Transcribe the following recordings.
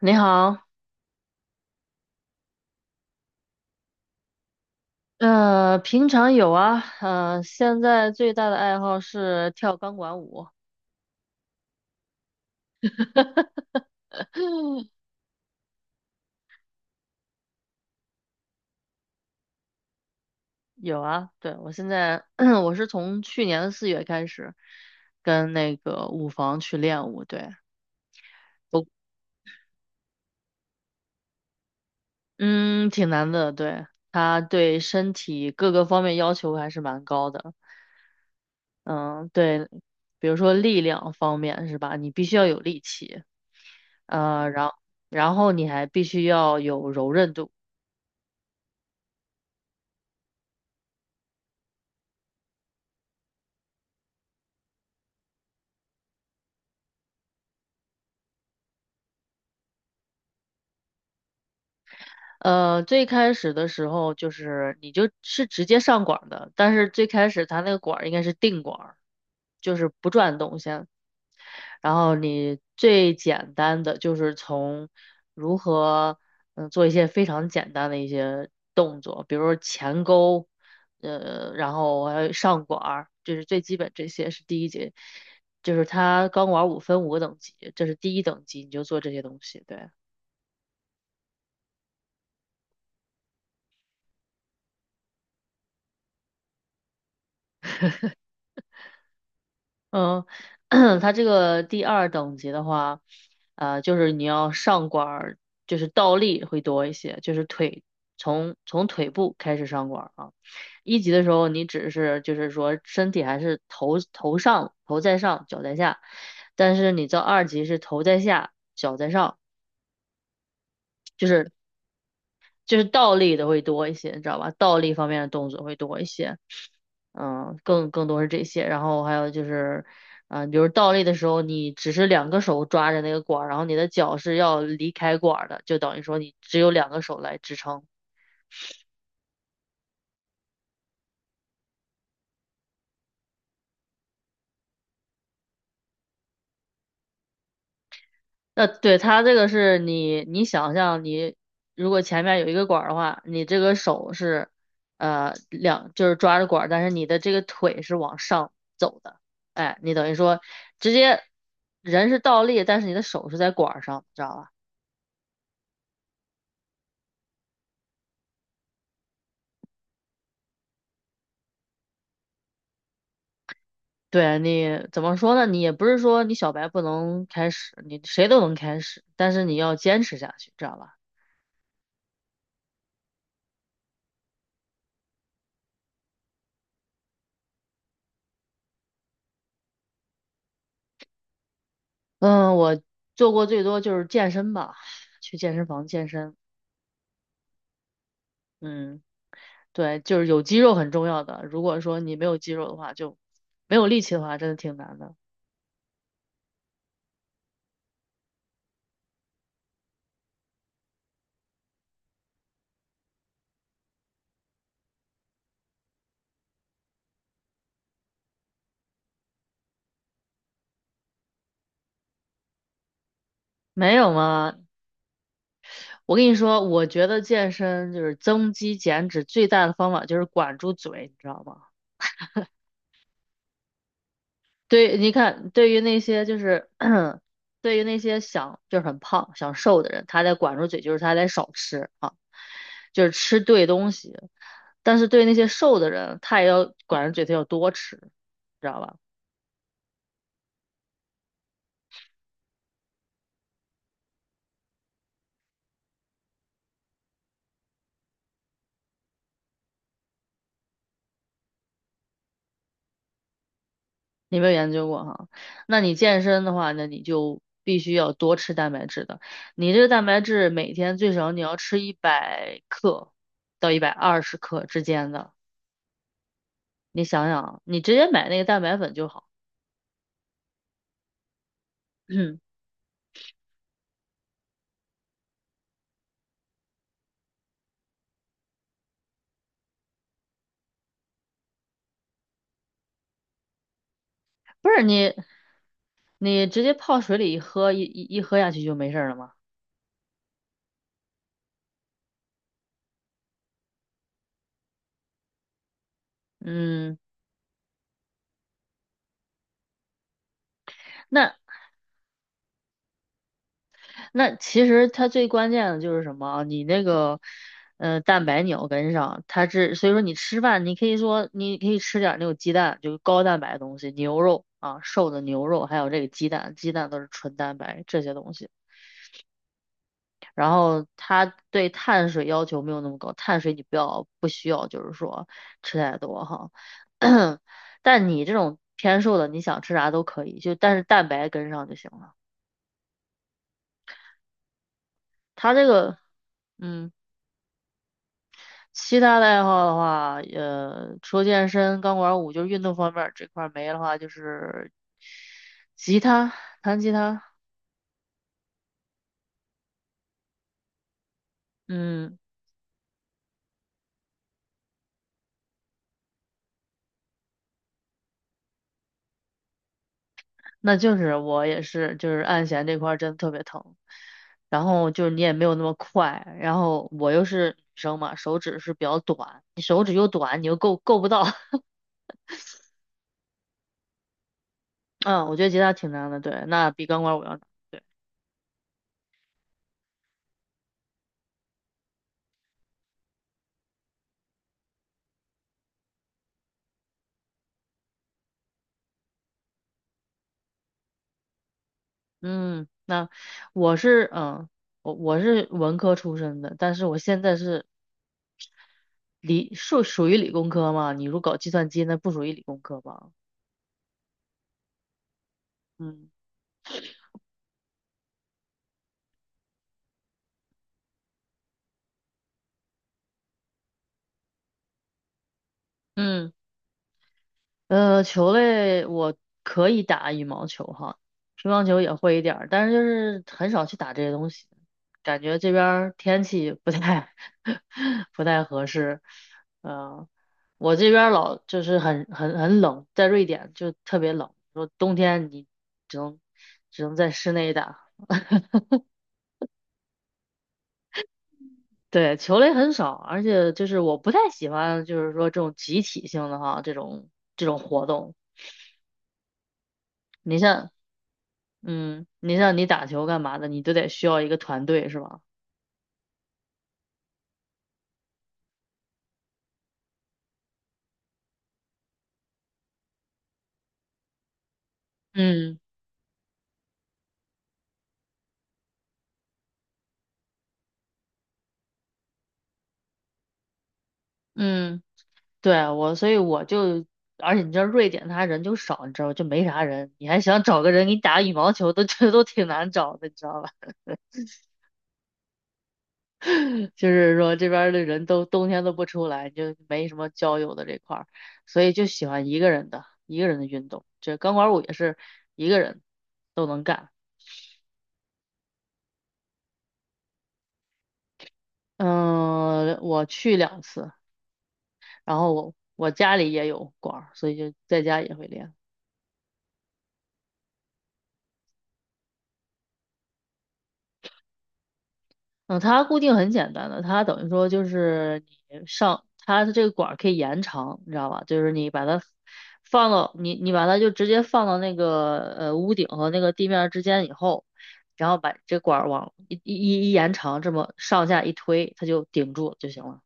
你好，平常有啊，现在最大的爱好是跳钢管舞。有啊，对，我现在 我是从去年的4月开始跟那个舞房去练舞，对。嗯，挺难的，对，它对身体各个方面要求还是蛮高的。嗯，对，比如说力量方面是吧，你必须要有力气。呃，然然后你还必须要有柔韧度。最开始的时候就是你就是直接上管儿的，但是最开始它那个管儿应该是定管儿，就是不转动先。然后你最简单的就是从如何嗯做一些非常简单的一些动作，比如说前勾。然后还有上管儿，这是最基本，这些是第一节，就是它钢管儿五个等级，这是第一等级，你就做这些东西，对。嗯，它这个第二等级的话，就是你要上管儿，就是倒立会多一些，就是腿从腿部开始上管儿啊。一级的时候，你只是就是说身体还是头上头在上，脚在下，但是你到二级是头在下，脚在上，就是就是倒立的会多一些，你知道吧？倒立方面的动作会多一些。嗯，更多是这些，然后还有就是，比如倒立的时候，你只是两个手抓着那个管儿，然后你的脚是要离开管儿的，就等于说你只有两个手来支撑。那对它这个是你想象你如果前面有一个管儿的话，你这个手是，就是抓着管儿，但是你的这个腿是往上走的，哎，你等于说直接人是倒立，但是你的手是在管儿上，知道吧？对，你怎么说呢？你也不是说你小白不能开始，你谁都能开始，但是你要坚持下去，知道吧？嗯，我做过最多就是健身吧，去健身房健身。嗯，对，就是有肌肉很重要的。如果说你没有肌肉的话，就没有力气的话，真的挺难的。没有吗？我跟你说，我觉得健身就是增肌减脂最大的方法就是管住嘴，你知道吗？对，你看，对于那些就是，对于那些想就是很胖、想瘦的人，他得管住嘴，就是他得少吃啊，就是吃对东西。但是对那些瘦的人，他也要管住嘴，他要多吃，知道吧？你没有研究过哈？那你健身的话，那你就必须要多吃蛋白质的。你这个蛋白质每天最少你要吃100克到120克之间的。你想想，你直接买那个蛋白粉就好。不是你。你直接泡水里一喝，一喝下去就没事儿了吗？嗯，那那其实它最关键的就是什么啊？你那个，蛋白你要跟上，它是所以说你吃饭，你可以吃点儿那种鸡蛋，就是高蛋白的东西，牛肉啊，瘦的牛肉，还有这个鸡蛋，鸡蛋都是纯蛋白这些东西。然后它对碳水要求没有那么高，碳水你不需要，就是说吃太多哈。但你这种偏瘦的，你想吃啥都可以，就但是蛋白跟上就行了。它这个，嗯，其他的爱好的话，除了健身、钢管舞，就是运动方面儿这块儿没的话，就是吉他，弹吉他，嗯。那就是我也是，就是按弦这块儿真的特别疼，然后就是你也没有那么快，然后我又是女生嘛，手指是比较短，你手指又短，你又够不到。嗯，我觉得吉他挺难的，对，那比钢管舞要难。嗯，那我是嗯，我是文科出身的，但是我现在是属于理工科嘛，你如果搞计算机那不属于理工科吧，嗯嗯。球类我可以打羽毛球哈，乒乓球也会一点儿，但是就是很少去打这些东西，感觉这边儿天气不太 不太合适。嗯，我这边儿老就是很冷，在瑞典就特别冷，说冬天你只能只能在室内打。对，球类很少，而且就是我不太喜欢，就是说这种集体性的哈，这种活动。你像。嗯，你像你打球干嘛的，你都得需要一个团队是吧？嗯嗯，对我，所以我就，而且你知道瑞典他人就少，你知道吧，就没啥人，你还想找个人给你打羽毛球都觉得都挺难找的，你知道吧？就是说这边儿的人都冬天都不出来，就没什么交友的这块儿，所以就喜欢一个人的运动，这钢管舞也是一个人都能干。嗯，我去两次，然后我家里也有管，儿，所以就在家也会练。嗯，它固定很简单的，它等于说就是你上它的这个管儿可以延长，你知道吧？就是你把它放到你把它就直接放到那个屋顶和那个地面儿之间以后，然后把这管儿往一延长，这么上下一推，它就顶住就行了。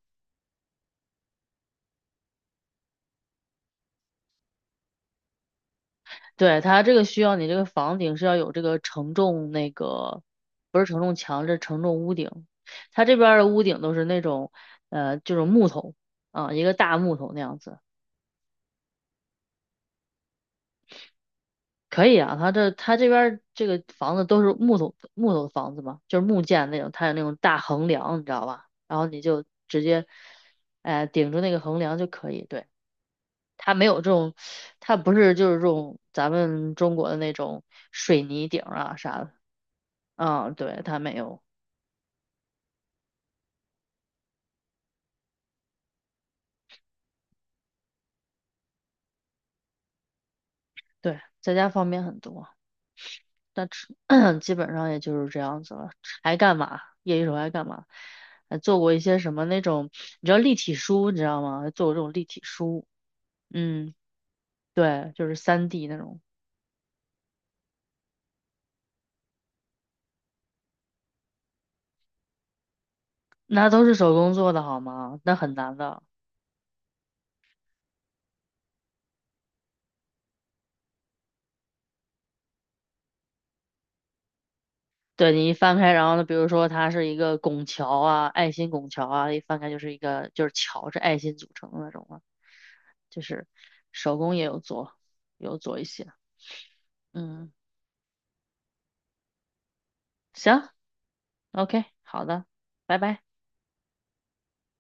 对，它这个需要你这个房顶是要有这个承重，那个不是承重墙，这是承重屋顶。它这边儿的屋顶都是那种就是木头啊，一个大木头那样子。可以啊，他这边儿这个房子都是木头木头的房子嘛，就是木建那种，它有那种大横梁，你知道吧？然后你就直接，顶住那个横梁就可以。对，它没有这种，它不是就是这种咱们中国的那种水泥顶儿啊啥的。嗯，对，它没有。对，在家方便很多，但吃 基本上也就是这样子了。还干嘛？业余时候还干嘛？还做过一些什么那种，你知道立体书，你知道吗？还做过这种立体书。嗯，对，就是3D 那种，那都是手工做的好吗？那很难的。对，你一翻开，然后呢，比如说它是一个拱桥啊，爱心拱桥啊，一翻开就是一个就是桥是爱心组成的那种啊，就是手工也有做，有做一些。嗯，行，OK,好的，拜拜。